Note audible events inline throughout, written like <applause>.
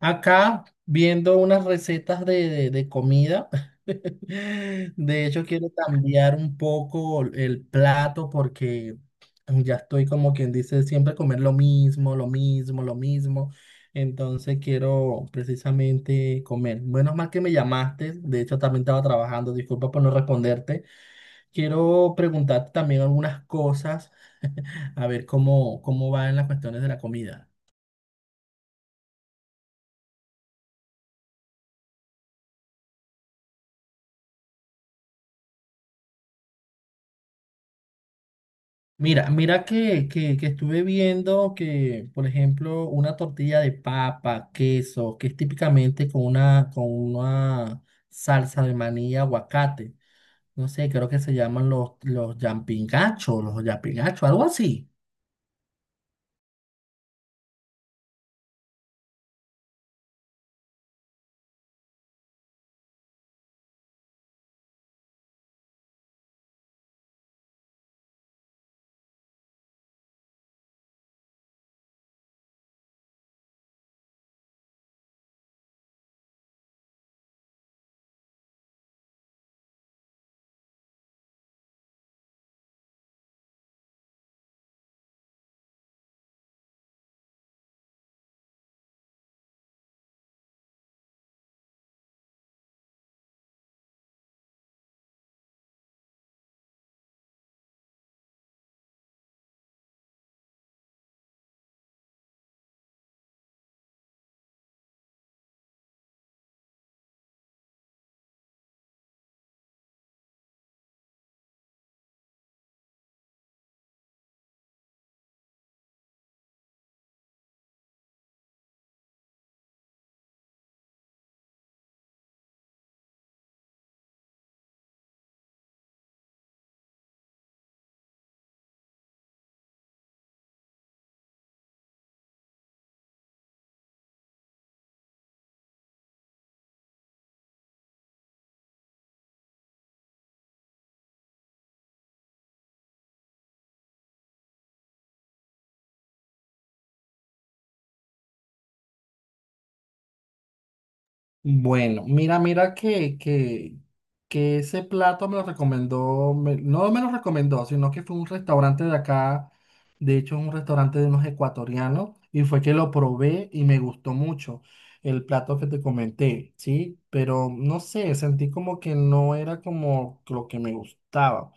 Acá viendo unas recetas de comida. <laughs> De hecho, quiero cambiar un poco el plato porque ya estoy como quien dice siempre comer lo mismo, lo mismo, lo mismo. Entonces quiero precisamente comer. Menos mal que me llamaste. De hecho, también estaba trabajando. Disculpa por no responderte. Quiero preguntarte también algunas cosas, a ver cómo va en las cuestiones de la comida. Mira que estuve viendo que, por ejemplo, una tortilla de papa, queso, que es típicamente con una salsa de maní y aguacate. No sé, creo que se llaman los yapingachos, algo así. Bueno, mira que ese plato me lo recomendó, no me lo recomendó, sino que fue un restaurante de acá, de hecho es un restaurante de unos ecuatorianos, y fue que lo probé y me gustó mucho el plato que te comenté, ¿sí? Pero no sé, sentí como que no era como lo que me gustaba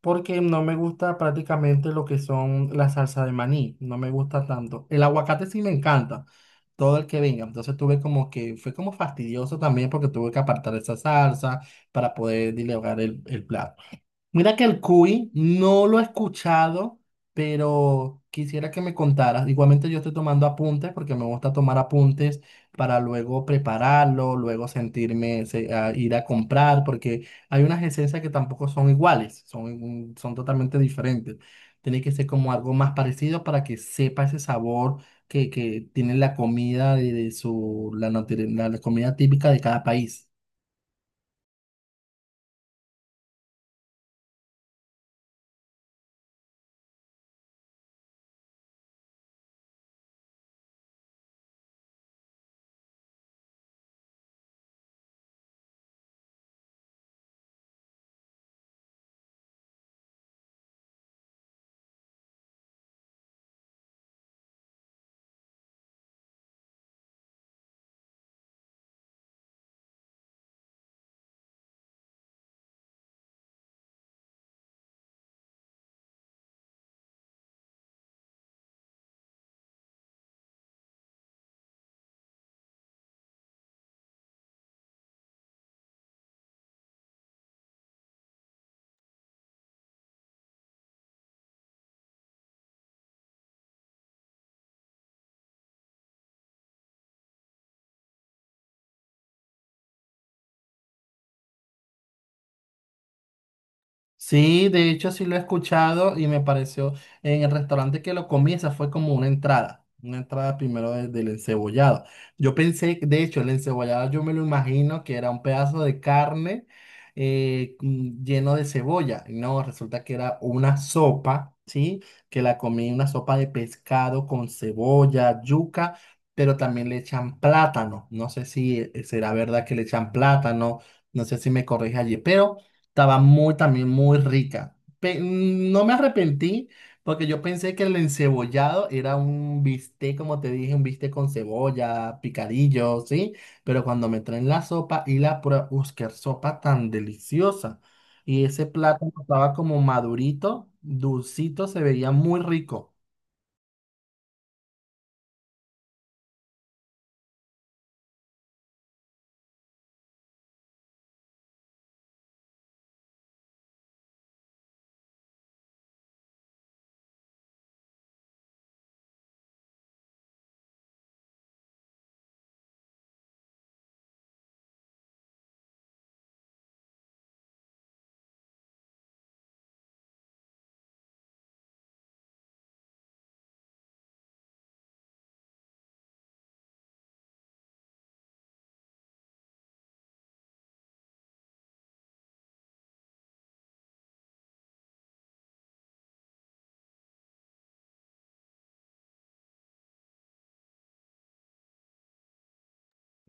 porque no me gusta prácticamente lo que son la salsa de maní, no me gusta tanto. El aguacate sí me encanta, todo el que venga. Entonces tuve como que, fue como fastidioso también porque tuve que apartar esa salsa para poder dilegar el plato. Mira que el cuy no lo he escuchado, pero quisiera que me contaras. Igualmente yo estoy tomando apuntes porque me gusta tomar apuntes para luego prepararlo, luego sentirme se- a ir a comprar, porque hay unas esencias que tampoco son iguales, son totalmente diferentes. Tiene que ser como algo más parecido para que sepa ese sabor que tiene la comida de su, la, nutri- la la comida típica de cada país. Sí, de hecho sí lo he escuchado y me pareció en el restaurante que lo comí, esa fue como una entrada primero del encebollado. Yo pensé, de hecho, el encebollado yo me lo imagino que era un pedazo de carne lleno de cebolla. Y no, resulta que era una sopa, ¿sí? Que la comí, una sopa de pescado con cebolla, yuca, pero también le echan plátano. No sé si será verdad que le echan plátano, no sé si me corrige allí, pero... Estaba muy, también muy rica. No me arrepentí porque yo pensé que el encebollado era un bistec, como te dije, un bistec con cebolla, picadillo, ¿sí? Pero cuando me traen la sopa y la prueba, ¡uy, qué sopa tan deliciosa! Y ese plátano estaba como madurito, dulcito, se veía muy rico.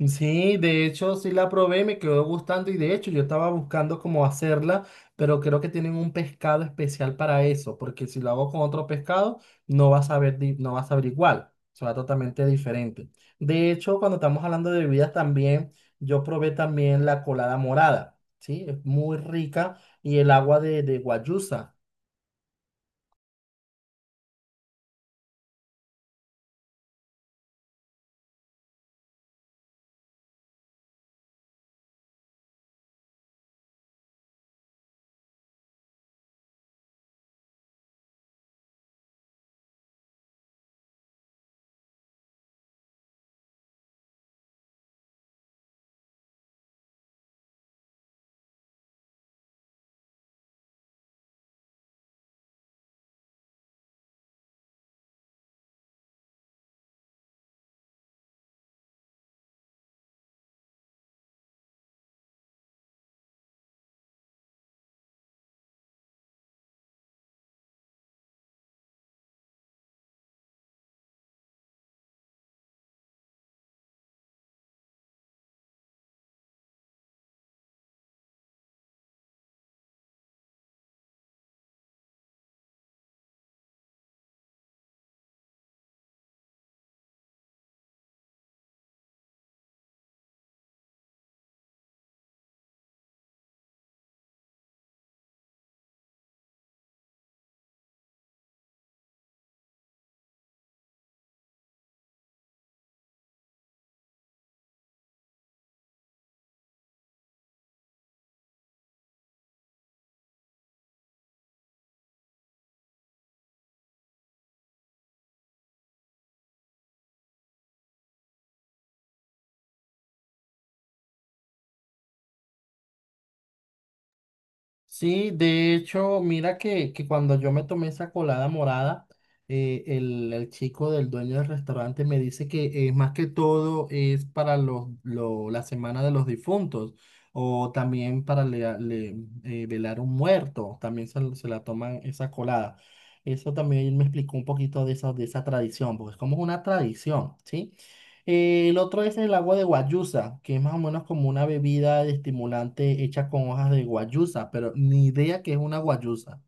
Sí, de hecho sí la probé, me quedó gustando y de hecho yo estaba buscando cómo hacerla, pero creo que tienen un pescado especial para eso, porque si lo hago con otro pescado no va a saber, no va a saber igual, será totalmente diferente. De hecho, cuando estamos hablando de bebidas también, yo probé también la colada morada, ¿sí? Es muy rica y el agua de guayusa. Sí, de hecho, mira que cuando yo me tomé esa colada morada, el chico del dueño del restaurante me dice que más que todo es para la semana de los difuntos o también para velar un muerto, también se la toman esa colada. Eso también me explicó un poquito de esa tradición, porque es como una tradición, ¿sí? El otro es el agua de guayusa, que es más o menos como una bebida de estimulante hecha con hojas de guayusa, pero ni idea que es una guayusa.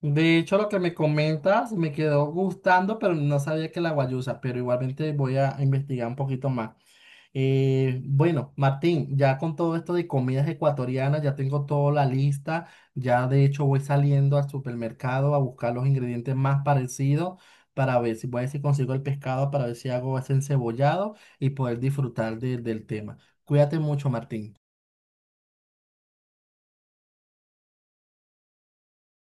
De hecho, lo que me comentas me quedó gustando, pero no sabía que la guayusa, pero igualmente voy a investigar un poquito más. Bueno, Martín, ya con todo esto de comidas ecuatorianas, ya tengo toda la lista. Ya de hecho voy saliendo al supermercado a buscar los ingredientes más parecidos para ver si voy a ver si consigo el pescado, para ver si hago ese encebollado y poder disfrutar del tema. Cuídate mucho, Martín.